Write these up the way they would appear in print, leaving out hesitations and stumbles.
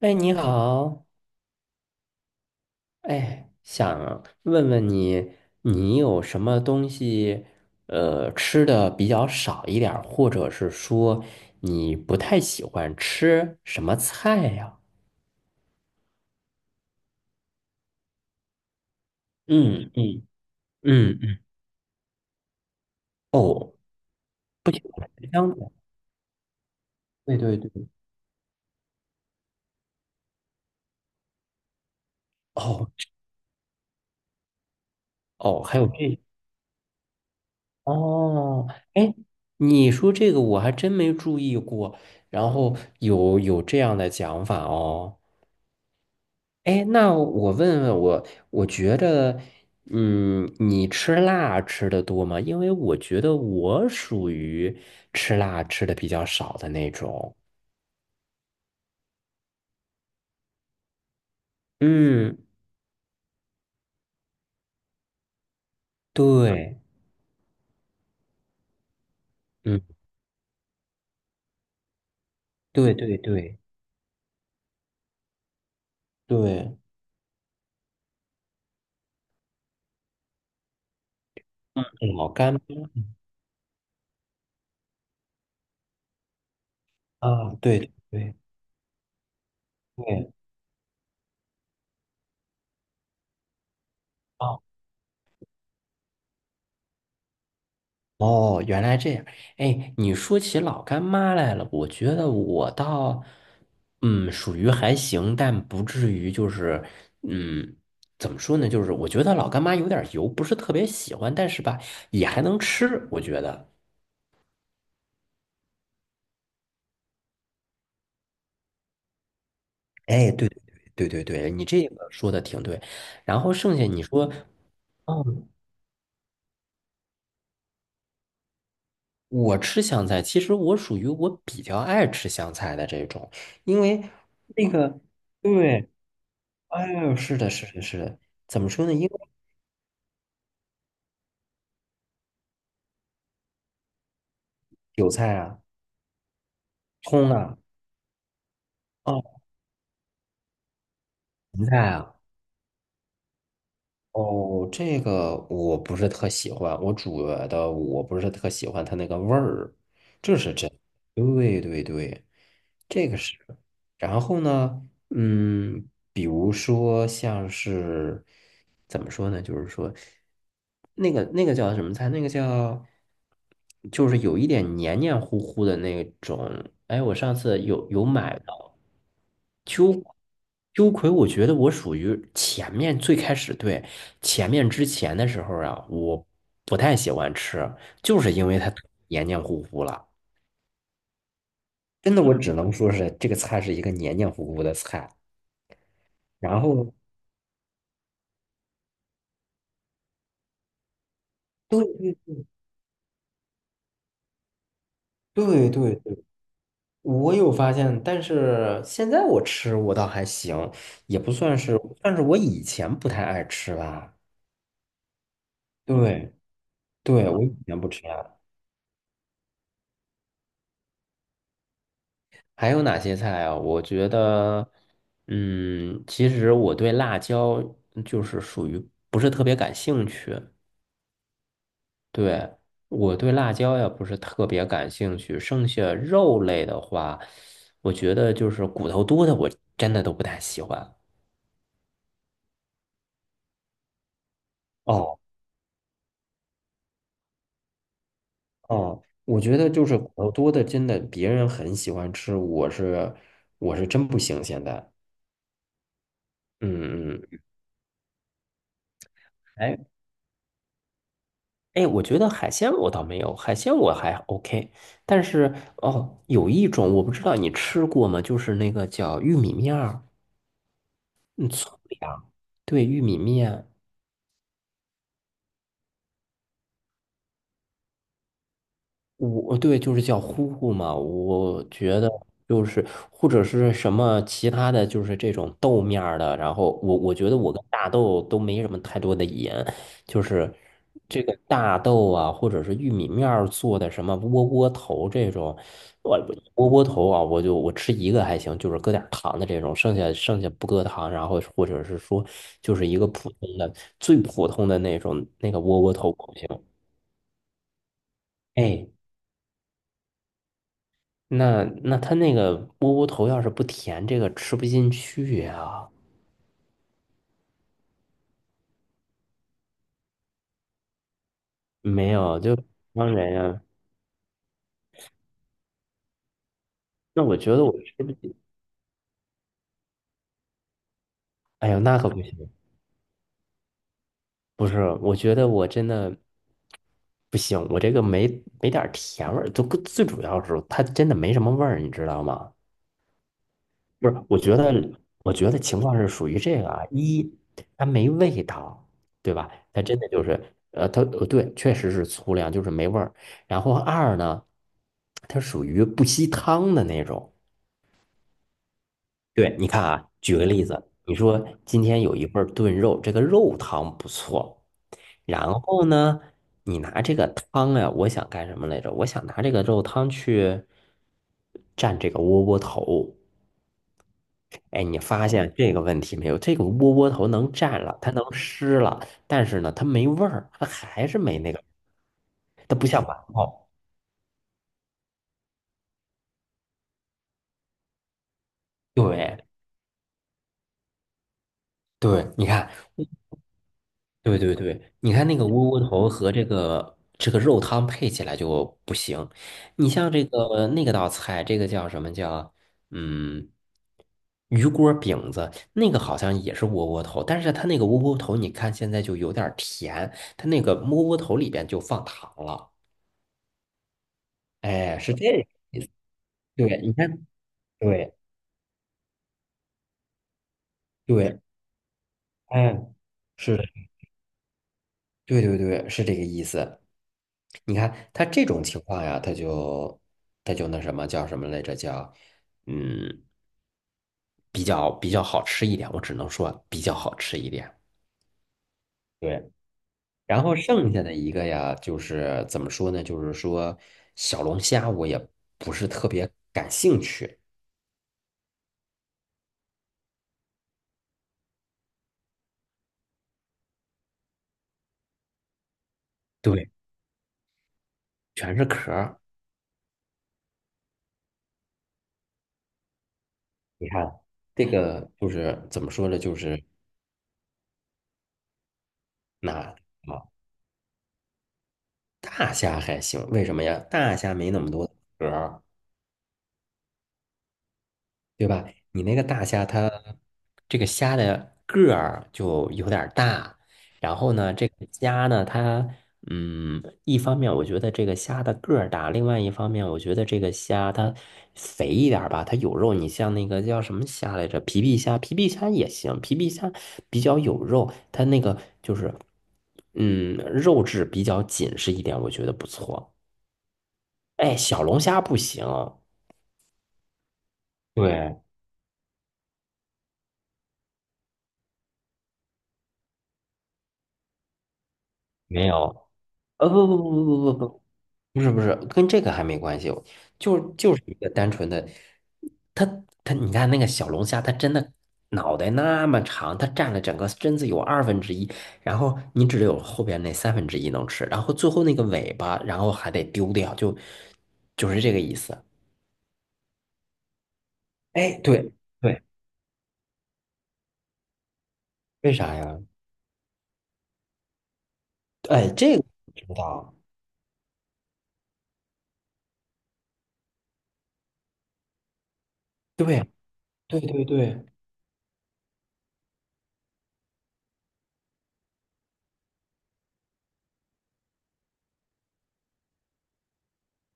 哎，你好，哎，想问问你，你有什么东西，吃的比较少一点儿，或者是说你不太喜欢吃什么菜呀？嗯嗯嗯嗯，哦，香的，对对对，哦哦，还有这，哦，哎，你说这个我还真没注意过，然后有这样的讲法哦。哎，那我问问我，我觉得，嗯，你吃辣吃的多吗？因为我觉得我属于吃辣吃的比较少的那种。嗯，对，嗯，对对对对，老干啊，对对对，对啊。哦哦，原来这样。哎，你说起老干妈来了，我觉得我倒，属于还行，但不至于就是，嗯，怎么说呢？就是我觉得老干妈有点油，不是特别喜欢，但是吧，也还能吃，我觉得。哎，对对对对对，你这个说的挺对。然后剩下你说。哦我吃香菜，其实我属于我比较爱吃香菜的这种，因为那个，对，哎呦，是的，是的，是的，怎么说呢？因为韭菜啊、葱啊、哦，芹菜啊，哦，这个我不是特喜欢，我煮的我不是特喜欢它那个味儿，这是真，对对对，这个是。然后呢，嗯，比如说像是怎么说呢？就是说，那个叫什么菜？那个叫就是有一点黏黏糊糊的那种。哎，我上次有买到秋秋葵，我觉得我属于前面最开始对前面之前的时候啊，我不太喜欢吃，就是因为它黏黏糊糊了。真的，我只能说是这个菜是一个黏黏糊糊的菜。然后，对对对对，我有发现，但是现在我吃我倒还行，也不算是，但是我以前不太爱吃吧。对对，我以前不吃辣。还有哪些菜啊？我觉得，其实我对辣椒就是属于不是特别感兴趣。对，我对辣椒也不是特别感兴趣，剩下肉类的话，我觉得就是骨头多的，我真的都不太喜欢。哦哦，我觉得就是骨头多的，真的别人很喜欢吃，我是真不行。现在，嗯嗯，哎哎，我觉得海鲜我倒没有，海鲜我还 OK，但是哦，有一种我不知道你吃过吗？就是那个叫玉米面儿，嗯，粗粮，对，玉米面。我对，就是叫呼呼嘛，我觉得就是或者是什么其他的就是这种豆面儿的，然后我觉得我跟大豆都没什么太多的盐，就是这个大豆啊，或者是玉米面儿做的什么窝窝头这种，我窝窝头啊，我就吃一个还行，就是搁点儿糖的这种，剩下不搁糖，然后或者是说就是一个普通的最普通的那种那个窝窝头不行，哎。那他那个窝窝头要是不甜，这个吃不进去呀、没有，就当然呀、那我觉得我吃不进。哎呦，那可不行。不是，我觉得我真的不行，我这个没点儿甜味儿，就最主要是它真的没什么味儿，你知道吗？不是，我觉得情况是属于这个啊，一，它没味道，对吧？它真的就是，它对，确实是粗粮，就是没味儿。然后二呢，它属于不吸汤的那种。对，你看啊，举个例子，你说今天有一份儿炖肉，这个肉汤不错，然后呢，你拿这个汤呀、我想干什么来着？我想拿这个肉汤去蘸这个窝窝头。哎，你发现这个问题没有？这个窝窝头能蘸了，它能湿了，但是呢，它没味儿，它还是没那个，它不像馒头。对对，你看，对对对，你看那个窝窝头和这个肉汤配起来就不行。你像这个那个道菜，这个叫什么叫嗯鱼锅饼子，那个好像也是窝窝头，但是它那个窝窝头，你看现在就有点儿甜，它那个窝窝头里边就放糖了。哎，是这个，对，你看，对对，哎，是，对对对，是这个意思。你看他这种情况呀，他就那什么叫什么来着？叫嗯，比较好吃一点，我只能说比较好吃一点。对，然后剩下的一个呀，就是怎么说呢？就是说小龙虾我也不是特别感兴趣，对，全是壳儿。你看这个就是怎么说呢？就是那。啊。大虾还行，为什么呀？大虾没那么多壳儿，对吧？你那个大虾它，这个虾的个儿就有点儿大，然后呢，这个虾呢，它，一方面我觉得这个虾的个儿大，另外一方面我觉得这个虾它肥一点儿吧，它有肉。你像那个叫什么虾来着？皮皮虾，皮皮虾也行，皮皮虾比较有肉，它那个就是，肉质比较紧实一点，我觉得不错。哎，小龙虾不行，对，没有，不不不不不不不，不是不是，跟这个还没关系，就是一个单纯的，它你看那个小龙虾，它真的脑袋那么长，它占了整个身子有二分之一，然后你只有后边那三分之一能吃，然后最后那个尾巴，然后还得丢掉，就是这个意思。哎，对对，为啥呀？哎，这个我知道，对对对对。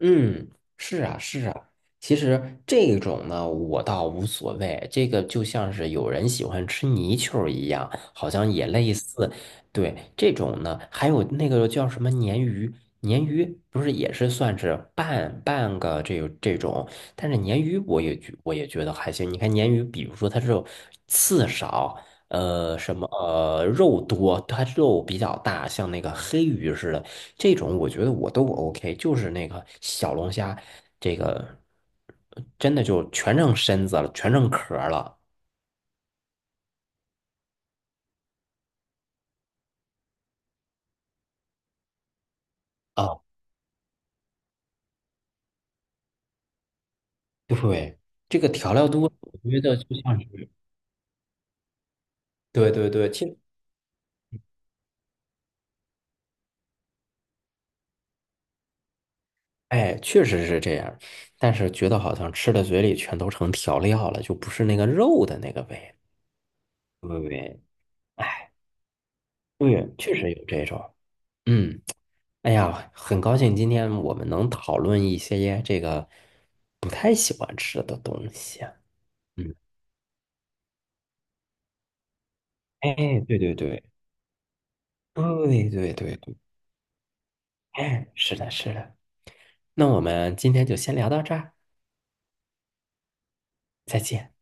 嗯，是啊，是啊。其实这种呢，我倒无所谓。这个就像是有人喜欢吃泥鳅儿一样，好像也类似。对，这种呢，还有那个叫什么鲶鱼，鲶鱼不是也是算是半个这种，但是鲶鱼我也觉得还行。你看鲶鱼，比如说它这种刺少，什么肉多，它肉比较大，像那个黑鱼似的，这种我觉得我都不 OK，就是那个小龙虾，这个真的就全剩身子了，全成壳儿了啊！对，这个调料多，我觉得就像是，对对对，其实哎，确实是这样，但是觉得好像吃的嘴里全都成调料了，就不是那个肉的那个味，对对对？哎，对，确实有这种，嗯。哎呀，很高兴今天我们能讨论一些这个不太喜欢吃的东西。嗯，哎，对对对，对对对对，哎，是的，是的。那我们今天就先聊到这儿，再见。